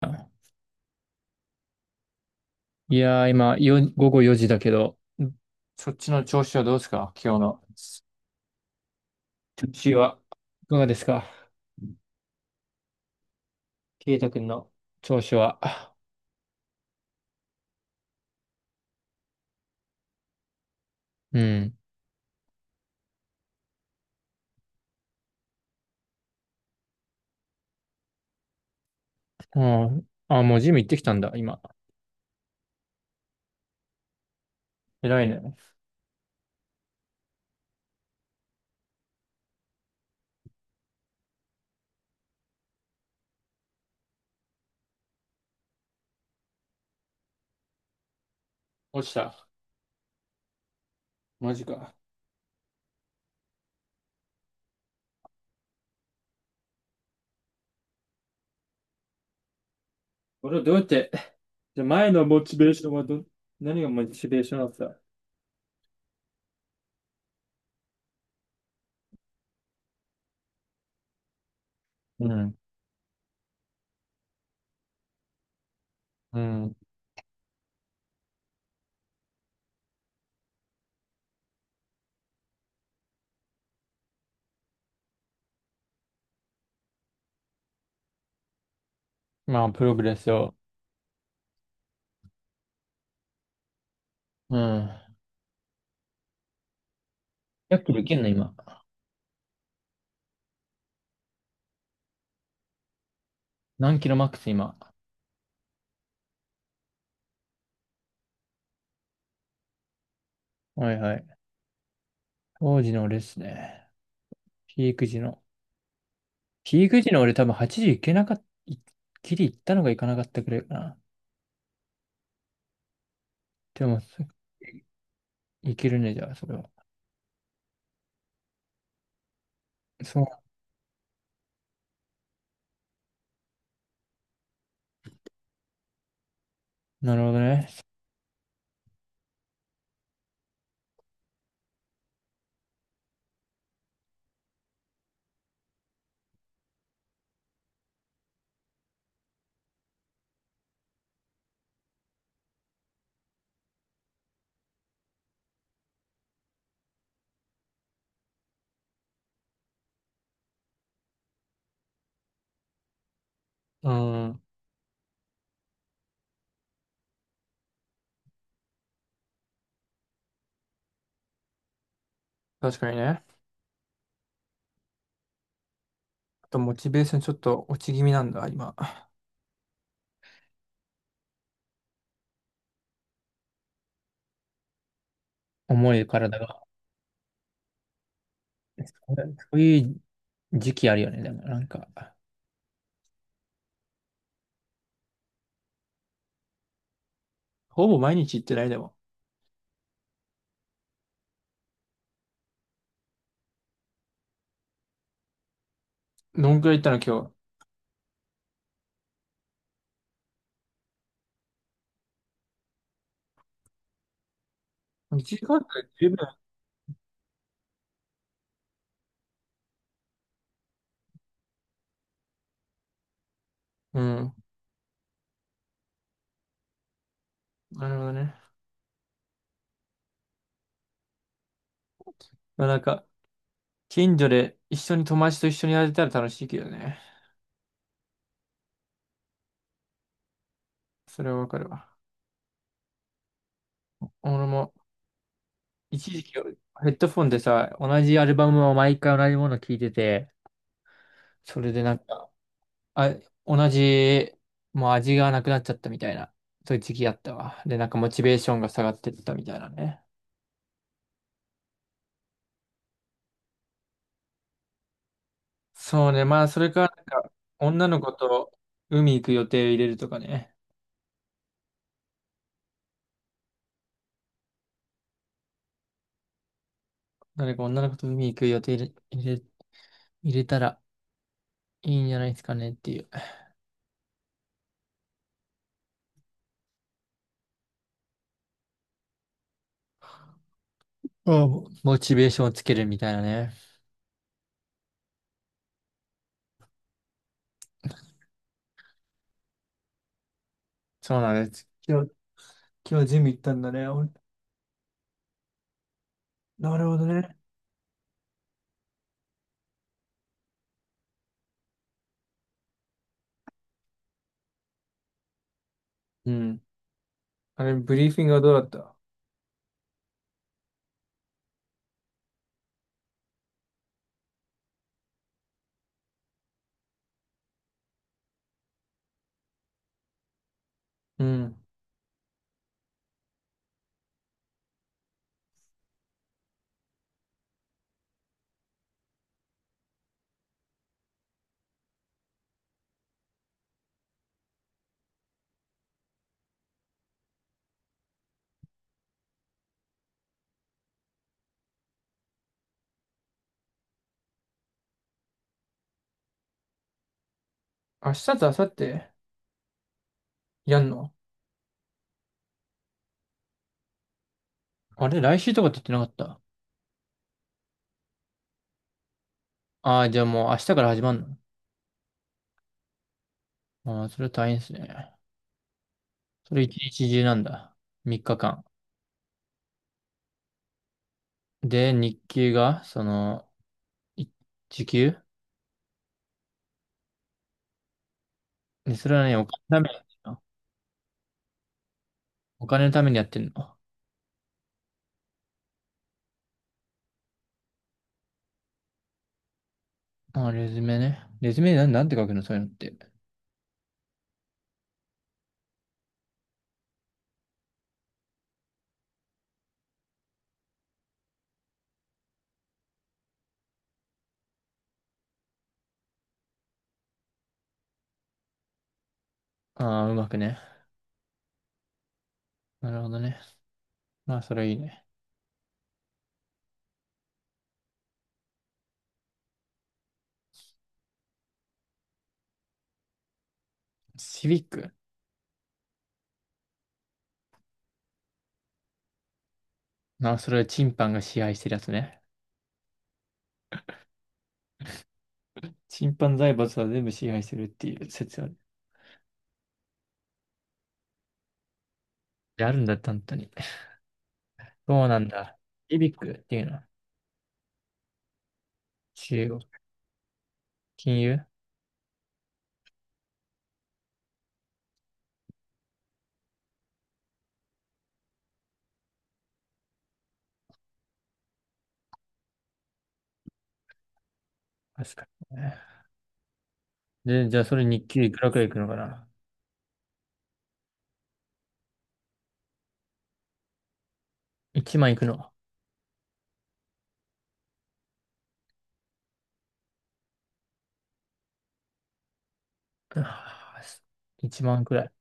あいやー、今、午後4時だけど、そっちの調子はどうですか今日の？調子は？いかがですかケイタ君の調子は？うん。あーあー、もうジム行ってきたんだ、今。偉いね。落ちた。マジか。俺はどうやって、じゃあ前のモチベーションは何がモチベーションだった？うん。うん。まあ、プログレスを。うん。100キロいけんの、今？何キロマックス、今？はいはい。当時のレースね。ピーク時の。ピーク時の俺多分8時いけなかった、ギリ行ったのがいかなかったくらいかな。でも、いけるね、じゃあ、それは。そう、なるほどね。うん、確かにね。あと、モチベーションちょっと落ち気味なんだ、今。重い体が。そういう時期あるよね、でも、なんか。ほぼ毎日行ってない、でも。どんくらい行ったの、今日？1時間くらい十分。うん、なるほどね。まあ、なんか、近所で一緒に友達と一緒にやれたら楽しいけどね。それはわかるわ。俺も一時期ヘッドフォンでさ、同じアルバムを毎回同じもの聴いてて、それでなんか、あ、同じ、もう味がなくなっちゃったみたいな、そういう時期あったわ。で、なんかモチベーションが下がってったみたいなね。そうね、まあそれか、なんか、女の子と海行く予定を入れるとかね。誰か女の子と海行く予定れ、入れ、入れたらいいんじゃないですかねっていう。ああもうモチベーションをつけるみたいなね。そうなんです。今日ジム行ったんだね。おなるほどね。うん。あれ、ブリーフィングはどうだった？うん。明日と明後日やんの？あれ来週とかって言ってなかった？ああー、じゃあもう明日から始まるの？ああー、それ大変ですね。それ一日中なんだ。3日間。で、日給が、その、い時給ね、それはね、お金のためにやってんの？お金のためにやってんの？ああ、レズメね。レズメなんて書くのそういうのって？ああ、うまくね。なるほどね。まあ、それいいね。シビック。まあ、それはチンパンが支配してるやつね。チンパン財閥は全部支配してるっていう説ある。であるんだっ本当に。そうなんだ。イビックっていうのは中国。金融確かにね。で、じゃあそれ日給いくらくらいいくのかな？ 1 万いくの？1万くらい。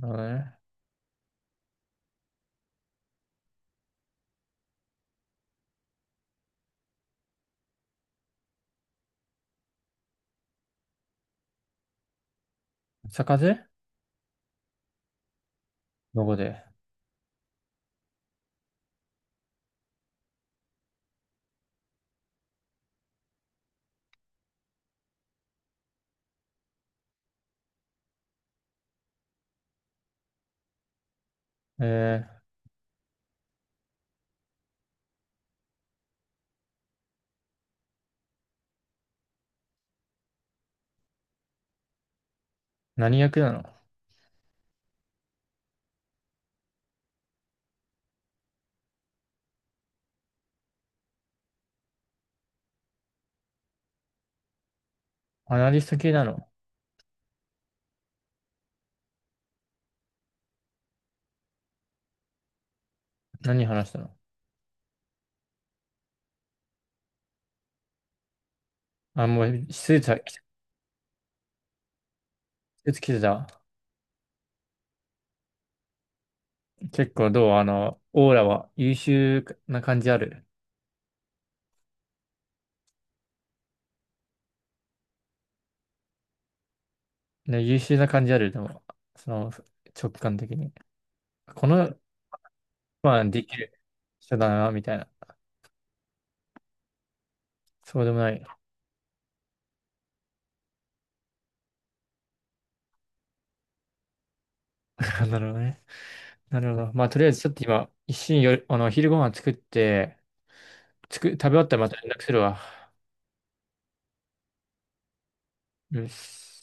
なるほどね。坂税。どこで？えー、何役なの？アナリスト系なの？何話したの？あ、もう、スーツ着てた？結構どうあの、オーラは優秀な感じある？で優秀な感じある、でも、その直感的に。この、まあ、できる人だな、みたいな。そうでもない。なるほどね。なるほど。まあ、とりあえずちょっと今、一瞬よ、昼ご飯作って、食べ終わったらまた連絡するわ。よし